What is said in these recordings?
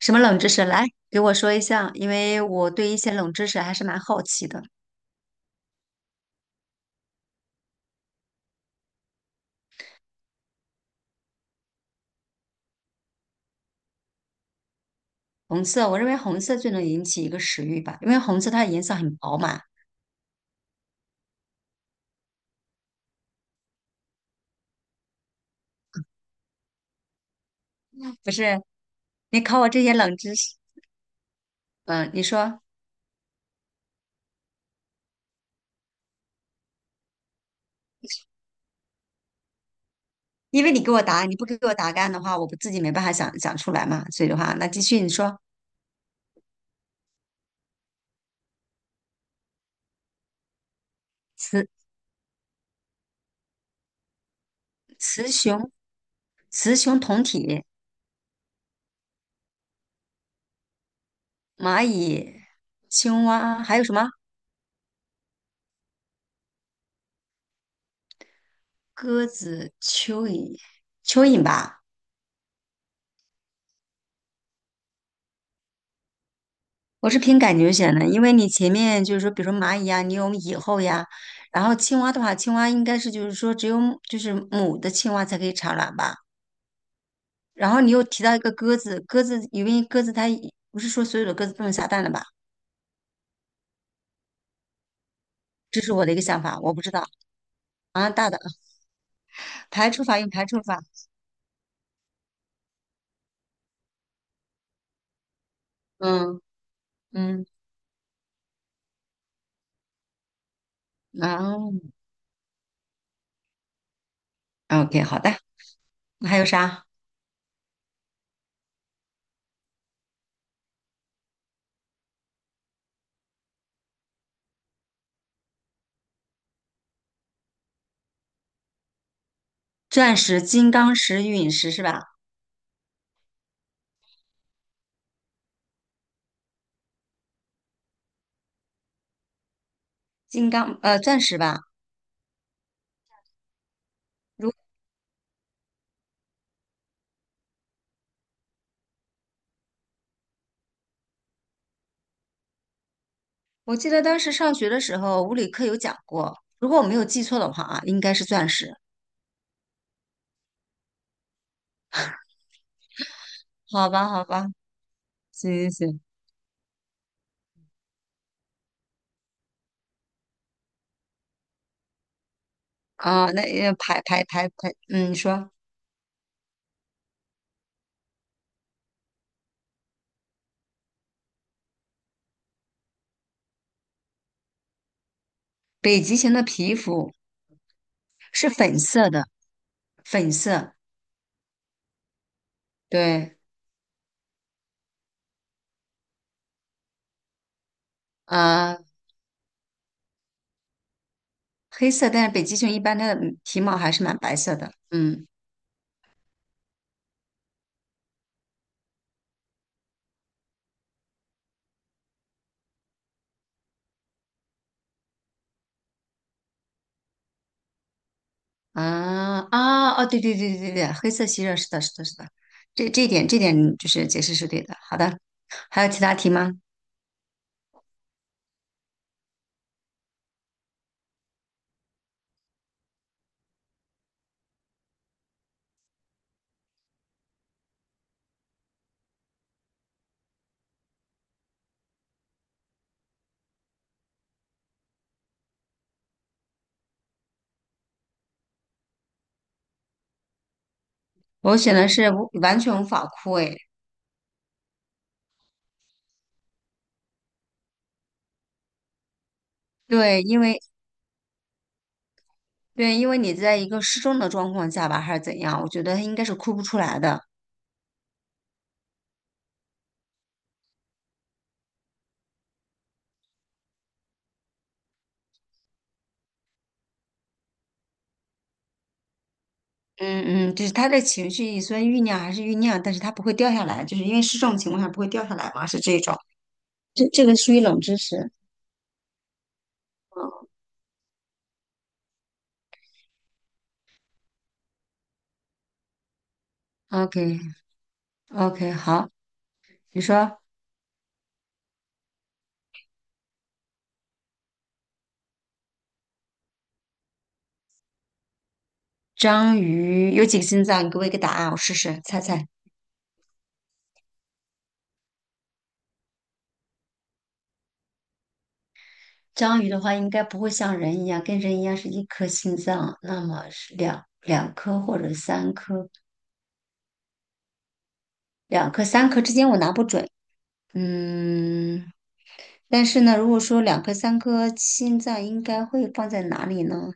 什么冷知识？来给我说一下，因为我对一些冷知识还是蛮好奇的。红色，我认为红色最能引起一个食欲吧，因为红色它的颜色很饱满。不是，你考我这些冷知识，嗯，你说，因为你给我答案，你不给我答案的话，我不自己没办法想出来嘛。所以的话，那继续你说，雌雌雄雌雄同体，蚂蚁、青蛙还有什么？鸽子、蚯蚓、蚯蚓吧。我是凭感觉选的，因为你前面就是说，比如说蚂蚁呀、你有蚁后呀，然后青蛙的话，青蛙应该是就是说只有母就是母的青蛙才可以产卵吧。然后你又提到一个鸽子，鸽子因为鸽子它一不是说所有的鸽子都能下蛋的吧？这是我的一个想法，我不知道啊。大的排除法用排除法，嗯嗯，哦，OK，好的。那还有啥？钻石、金刚石、陨石是吧？钻石吧。如我记得当时上学的时候，物理课有讲过，如果我没有记错的话啊，应该是钻石。好吧，好吧，行行行，啊，那也排，嗯，你说，北极熊的皮肤是粉色的，粉色，对，啊，黑色，但是北极熊一般它的皮毛还是蛮白色的，嗯，啊哦，对对对对对对，黑色吸热，是的，是的，是的，这一点就是解释是对的。好的，还有其他题吗？我选的是无完全无法枯萎。哎对，因为你在一个失重的状况下吧，还是怎样，我觉得他应该是哭不出来的。嗯嗯，就是他的情绪虽然酝酿还是酝酿，但是他不会掉下来，就是因为失重情况下不会掉下来嘛，是这种。这个属于冷知识。嗯 OK OK，好，你说章鱼有几个心脏？你给我一个答案，我试试猜猜。章鱼的话，应该不会像人一样，跟人一样是一颗心脏，那么是两颗或者三颗，两颗三颗之间我拿不准。嗯，但是呢，如果说两颗、三颗心脏应该会放在哪里呢？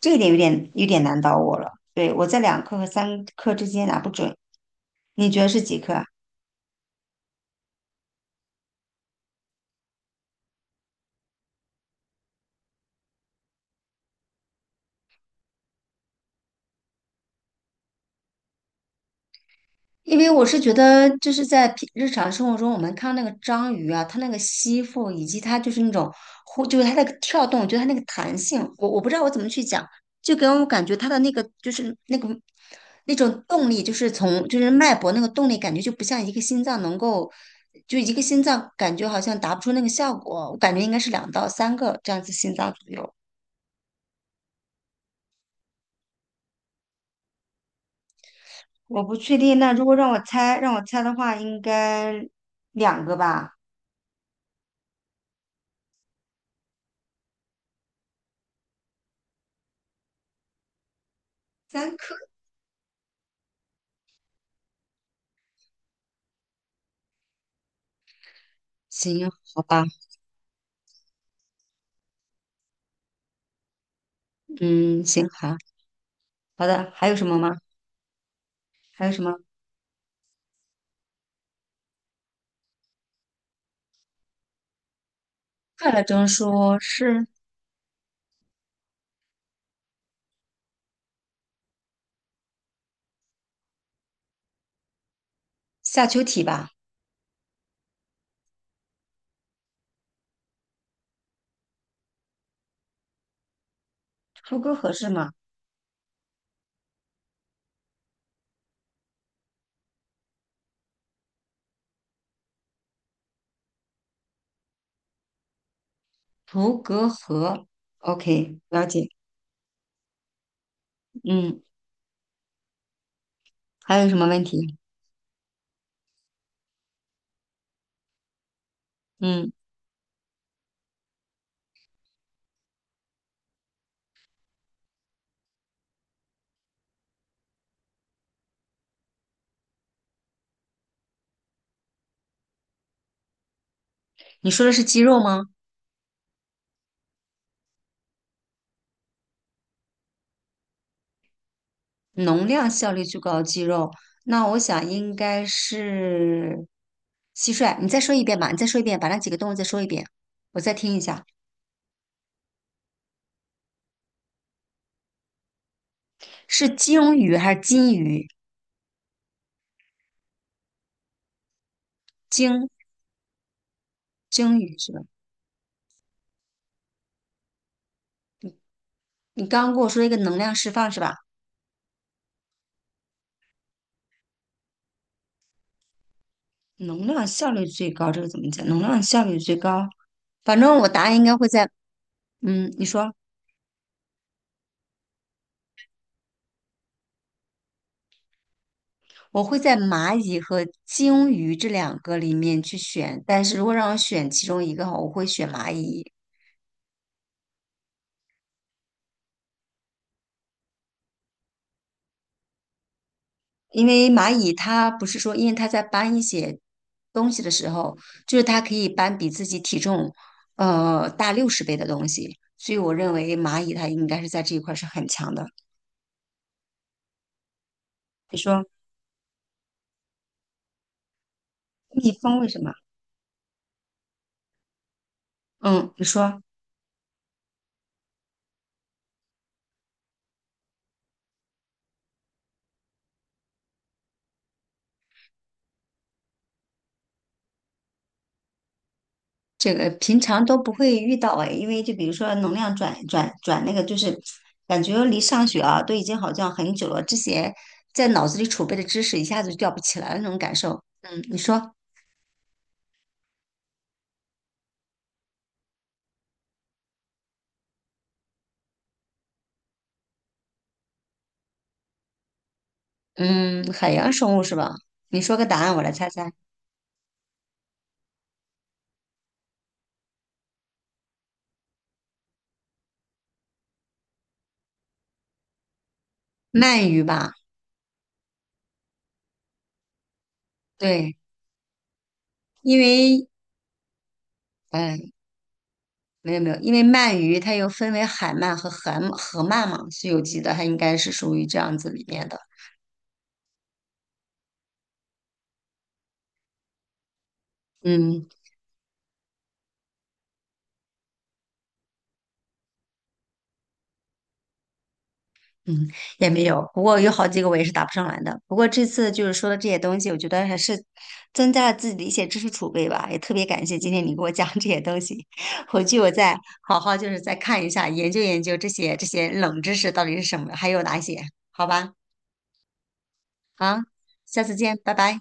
这一点有点难倒我了。对，我在两颗和三颗之间拿不准，你觉得是几颗啊？因为我是觉得，就是在平日常生活中，我们看到那个章鱼啊，它那个吸附，以及它就是那种呼，就是它那个跳动，就是它那个弹性，我不知道我怎么去讲，就给我感觉它的那个就是那个那种动力，就是从就是脉搏那个动力，感觉就不像一个心脏能够，就一个心脏感觉好像达不出那个效果，我感觉应该是两到三个这样子心脏左右，我不确定。那如果让我猜，让我猜的话，应该两个吧，三颗。行，好吧。嗯，行，好，好的，还有什么吗？还有什么？快乐中说是下丘体吧？图格河是吗？图格河，OK，了解。嗯，还有什么问题？嗯，你说的是肌肉吗？能量效率最高的肌肉，那我想应该是蟋蟀。你再说一遍吧，你再说一遍，把那几个动物再说一遍，我再听一下，是鲸鱼还是金鱼？鲸鲸鱼是吧？你刚刚跟我说一个能量释放是吧？能量效率最高，这个怎么讲？能量效率最高，反正我答案应该会在，嗯，你说，我会在蚂蚁和鲸鱼这两个里面去选，但是如果让我选其中一个哈，我会选蚂蚁，因为蚂蚁它不是说，因为它在搬一些东西的时候，就是它可以搬比自己体重大60倍的东西，所以我认为蚂蚁它应该是在这一块是很强的。你说蜜蜂为什么？嗯，你说。这个平常都不会遇到哎，因为就比如说能量转那个，就是感觉离上学啊都已经好像很久了，之前在脑子里储备的知识一下子就吊不起来了那种感受。嗯，你说，嗯，海洋生物是吧？你说个答案，我来猜猜。鳗鱼吧，对，因为，哎，没有没有，因为鳗鱼它又分为海鳗和河鳗嘛，《西游记》得它应该是属于这样子里面的。嗯。嗯，也没有，不过有好几个我也是答不上来的。不过这次就是说的这些东西，我觉得还是增加了自己的一些知识储备吧。也特别感谢今天你给我讲这些东西，回去我再好好就是再看一下，研究研究这些冷知识到底是什么，还有哪些，好吧？好，下次见，拜拜。